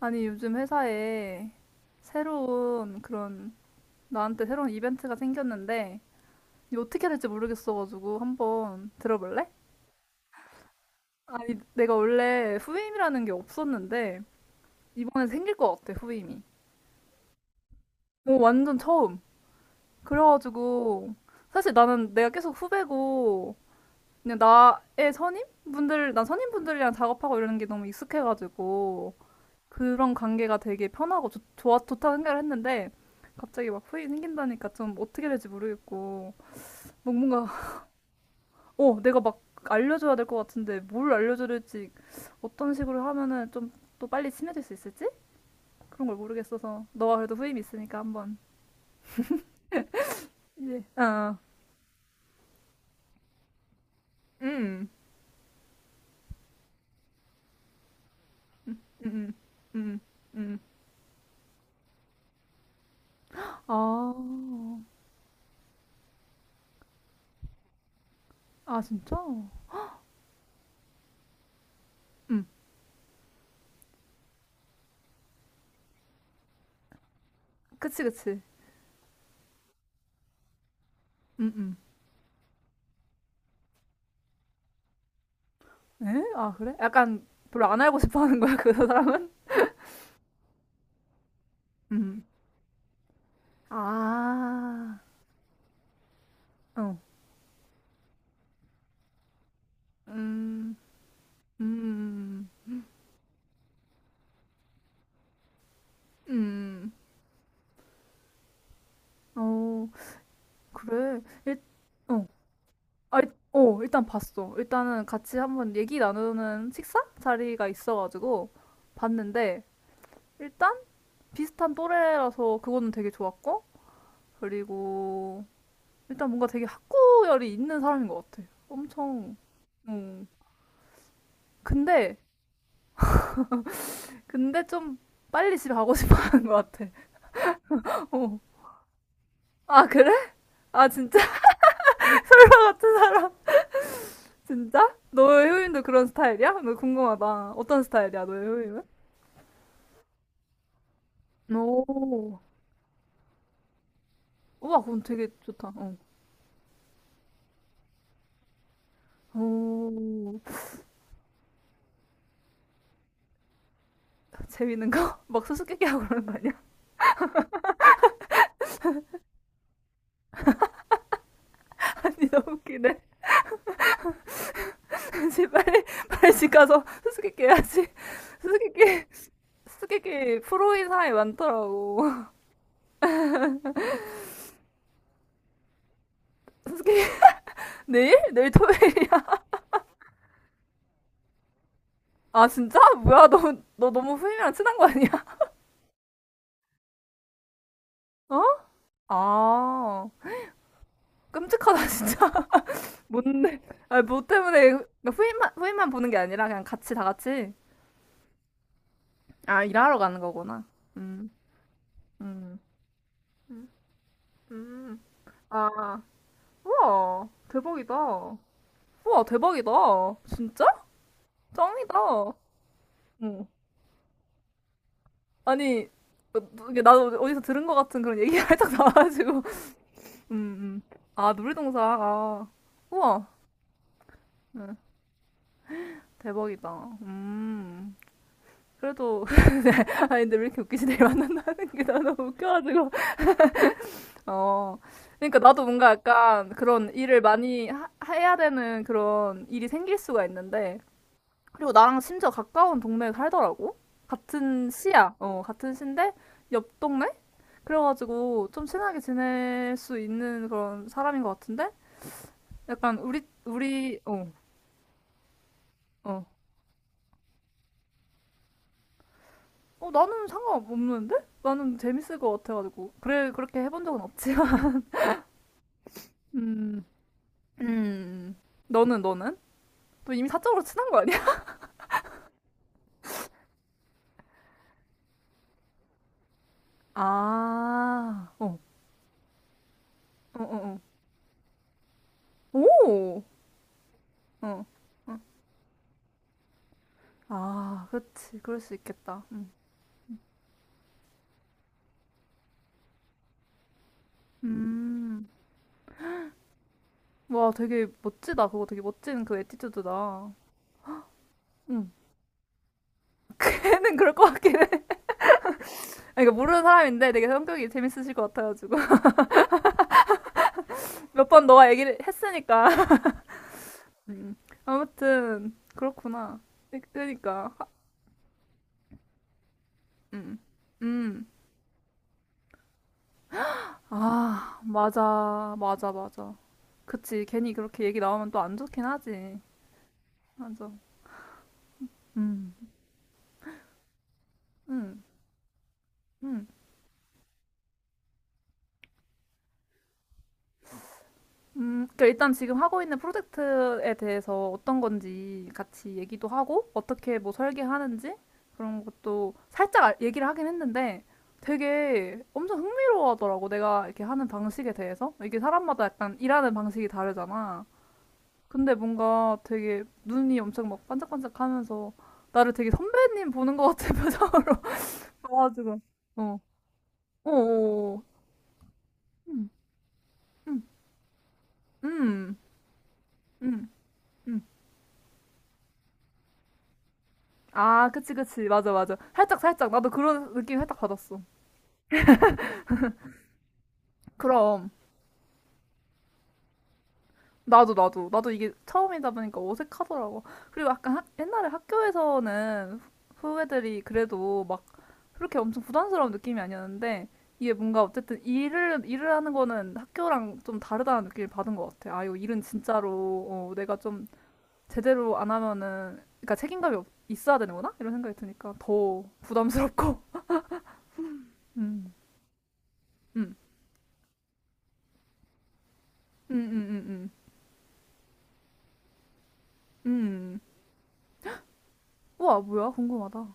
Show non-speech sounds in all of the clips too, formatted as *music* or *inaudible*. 아니, 요즘 회사에 새로운 그런, 나한테 새로운 이벤트가 생겼는데, 이거 어떻게 해야 될지 모르겠어가지고 한번 들어볼래? 아니, 내가 원래 후임이라는 게 없었는데, 이번에 생길 것 같아, 후임이. 오, 완전 처음. 그래가지고, 사실 나는 내가 계속 후배고, 그냥 나의 선임분들, 난 선임분들이랑 작업하고 이러는 게 너무 익숙해가지고, 그런 관계가 되게 편하고 좋다고 생각을 했는데, 갑자기 막 후이 생긴다니까 좀 어떻게 될지 모르겠고, 막 뭔가 *laughs* 어, 내가 막 알려줘야 될 것 같은데, 뭘 알려줘야 될지, 어떤 식으로 하면은 좀 또 빨리 친해질 수 있을지, 그런 걸 모르겠어서 너가 그래도 후임 있으니까 한번. 이제 어, 응. 음, 음, 음, 음, 아, 아 진짜? 음, 그치 그치. 음, 에? 아 그래? 약간 별로 안 알고 싶어 하는 거야 그 사람은? 음. 아, 어, 음, 음, 음. 어, 그래. 일, 어, 아, 일- 어, 일단 봤어. 일단은 같이 한번 얘기 나누는 식사 자리가 있어가지고 봤는데, 일단 비슷한 또래라서 그거는 되게 좋았고, 그리고 일단 뭔가 되게 학구열이 있는 사람인 것 같아. 엄청, 음. 근데, 근데 좀 빨리 집에 가고 *laughs* 싶어 하는 것 같아. 어. 아, 그래? 아, 진짜? 그런 같은 사람. *laughs* 진짜? 너의 효인도 그런 스타일이야? 너 궁금하다. 어떤 스타일이야, 너의 효인은? 오. 우와, 그건 되게 좋다. 어. 오. 재밌는 거? *laughs* 막 수수께끼 하고 그러는 거 아니야? *laughs* 아니, 너무 웃기네. *laughs* 다시 빨리, 빨리 집 가서 수수께끼 해야지. *laughs* 수수께끼, 수수께끼 프로인 사람이 많더라고. *laughs* 수수께끼, 내일? 내일 토요일이야. *laughs* 아, 진짜? 뭐야, 너, 너 너무 후임이랑 친한 거 아니야? *laughs* 어? 아, 끔찍하다, 진짜. 뭔데? *laughs* 아니, 뭐 때문에 그러니까 후임만 보는 게 아니라 그냥 같이 다 같이, 아 일하러 가는 거구나. 음, 음. 음. 음. 아, 우와, 대박이다. 우와 대박이다. 진짜? 짱이다. 응. 아니 어, 너- 이게 나도 어디서 들은 것 같은 그런 얘기가 *laughs* 살짝 나와가지고. 음, 음. 아 놀이동산. 아 우와. 응. 대박이다. 음. 그래도 *laughs* 아 근데 왜 이렇게 웃기지? 내일 만난다는 게 나 너무 *laughs* 웃겨가지고. 어, 그러니까 나도 뭔가 약간 그런 일을 많이 해야 되는 그런 일이 생길 수가 있는데, 그리고 나랑 심지어 가까운 동네에 살더라고? 같은 시야, 어, 같은 시인데, 옆 동네? 그래가지고 좀 친하게 지낼 수 있는 그런 사람인 것 같은데? 약간 우리, 어, 어. 어, 나는 상관없는데? 나는 재밌을 것 같아가지고. 그래, 그렇게 해본 적은 없지만. *laughs* 음, 음. 너는, 너는? 또 이미 사적으로 친한 거 아니야? 아, 어, 어, 어, 어. 오, 어, 어. 아, 그렇지, 그럴 수 있겠다. 음, 와, 되게 멋지다. 그거 되게 멋진 그 에티튜드다. 음, *laughs* 걔는 그럴 것 같긴 해. 아니, 그러니까 모르는 사람인데 되게 성격이 재밌으실 것 같아가지고 *laughs* 몇 번 너가 얘기를 했으니까. *laughs* 음, 아무튼 그렇구나. 그- 그러니까, 하- 음, 음, 아, 맞아, 맞아, 맞아. 그치, 괜히 그렇게 얘기 나오면 또 안 좋긴 하지. 맞아. 음. 음, 음, 그러니까 일단 지금 하고 있는 프로젝트에 대해서 어떤 건지 같이 얘기도 하고, 어떻게 뭐 설계하는지 그런 것도 살짝 얘기를 하긴 했는데 되게 엄청 흥미로워 하더라고. 내가 이렇게 하는 방식에 대해서. 이게 사람마다 약간 일하는 방식이 다르잖아. 근데 뭔가 되게 눈이 엄청 막 반짝반짝 하면서 나를 되게 선배님 보는 것 같은 *laughs* 표정으로 봐가지고. 어, 어, 어, 어. 음, 음, 음, 음. 음. 아, 그치, 그치. 맞아, 맞아. 살짝, 살짝. 나도 그런 느낌 살짝 받았어. 그럼. 나도, 나도. 나도 이게 처음이다 보니까 어색하더라고. 그리고 약간 학, 옛날에 학교에서는 후배들이 그래도 막 그렇게 엄청 부담스러운 느낌이 아니었는데, 이게 뭔가 어쨌든 일을 하는 거는 학교랑 좀 다르다는 느낌을 받은 것 같아. 아, 이거 일은 진짜로, 어, 내가 좀 제대로 안 하면은, 그러니까 책임감이 있어야 되는구나? 이런 생각이 드니까 더 부담스럽고. *laughs* 음, 음, 음, 음, 음, 음. 음. 우와, 뭐야? 궁금하다.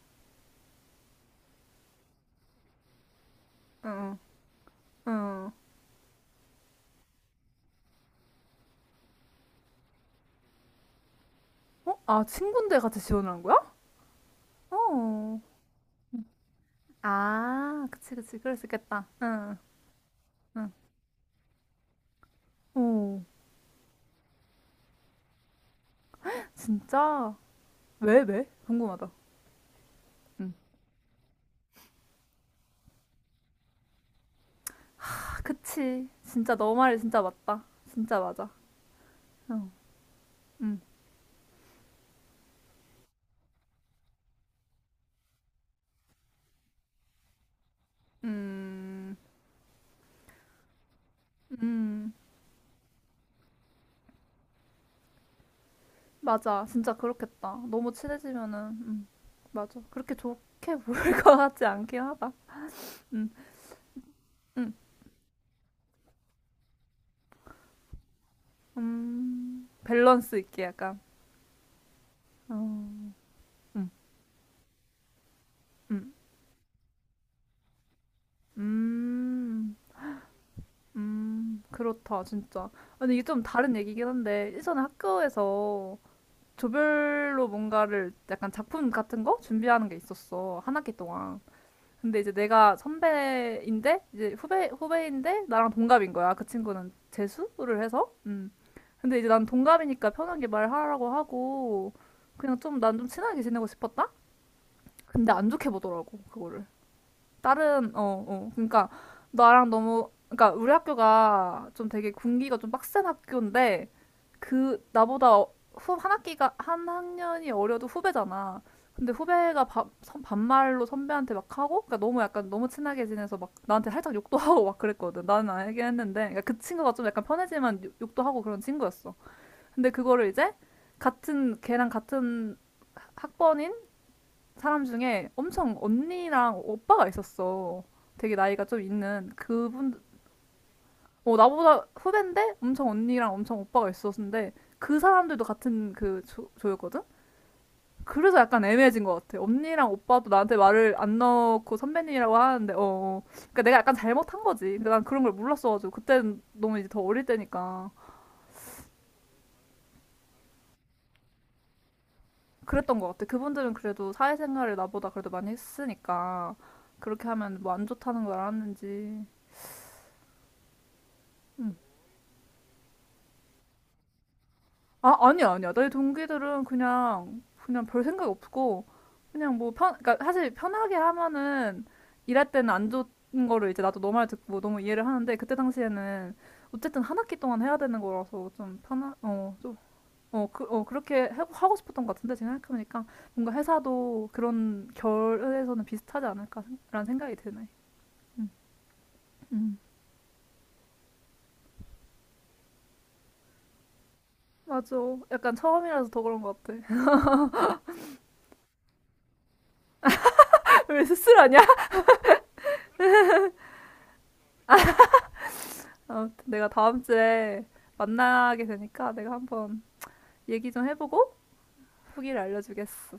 응, 응. 어? 아, 친구인데 같이 지원을 한 거야? 어. 아, 그치, 그치. 그럴 수 있겠다. 응. 응. 오, 진짜? 왜, 왜? 궁금하다. 응. 아, 그치. 진짜 너 말이 진짜 맞다. 진짜 맞아. 응. 응. 음, 음, 맞아. 진짜 그렇겠다. 너무 친해지면은, 음, 맞아. 그렇게 좋게 보일 *laughs* 것 같지 않긴 하다. 음, 음, 밸런스 있게 약간. 어, 음. 음. 음. 음. 그렇다, 진짜. 근데 이게 좀 다른 얘기긴 한데, 예전에 학교에서 조별로 뭔가를 약간 작품 같은 거 준비하는 게 있었어. 한 학기 동안. 근데 이제 내가 선배인데, 이제 후배인데, 나랑 동갑인 거야. 그 친구는 재수를 해서. 음. 근데 이제 난 동갑이니까 편하게 말하라고 하고, 그냥 좀, 난 좀 친하게 지내고 싶었다? 근데 안 좋게 보더라고, 그거를. 다른 어, 어. 그러니까 나랑 너무 그러니까 우리 학교가 좀 되게 군기가 좀 빡센 학교인데, 그 나보다 어- 후, 한 학기가 한 학년이 어려도 후배잖아. 근데 후배가 반말로 선배한테 막 하고 그러니까 너무 약간 너무 친하게 지내서 막 나한테 살짝 욕도 *laughs* 하고 막 그랬거든. 나는 알긴 했는데 그러니까 그 친구가 좀 약간 편해지만 욕도 하고 그런 친구였어. 근데 그거를 이제 같은 걔랑 같은 학번인 사람 중에 엄청 언니랑 오빠가 있었어. 되게 나이가 좀 있는 그분, 어, 나보다 후배인데 엄청 언니랑 엄청 오빠가 있었는데, 그 사람들도 같은 그 조였거든? 그래서 약간 애매해진 것 같아. 언니랑 오빠도 나한테 말을 안 넣고 선배님이라고 하는데, 어, 어. 그러니까 내가 약간 잘못한 거지. 근데 난 그런 걸 몰랐어가지고 그때는 너무 이제 더 어릴 때니까 그랬던 것 같아. 그분들은 그래도 사회생활을 나보다 그래도 많이 했으니까 그렇게 하면 뭐 안 좋다는 걸 알았는지. 음. 아, 아니야, 아니야. 내 동기들은 그냥 별 생각 없고, 그냥 뭐 편, 그러니까 사실 편하게 하면은 일할 때는 안 좋은 거를 이제 나도 너말 듣고 너무 이해를 하는데, 그때 당시에는 어쨌든 한 학기 동안 해야 되는 거라서 좀 편하, 어, 좀, 어, 그, 어, 그렇게 하고 하고 싶었던 것 같은데, 지금 생각해보니까 뭔가 회사도 그런 결에서는 비슷하지 않을까라는 생각이 드네. 음. 맞아. 약간 처음이라서 더 그런 것 같아. *laughs* 왜 스스로 하냐? 아무튼 내가 다음 주에 만나게 되니까 내가 한번 얘기 좀 해보고 후기를 알려주겠어.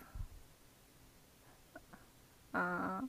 아.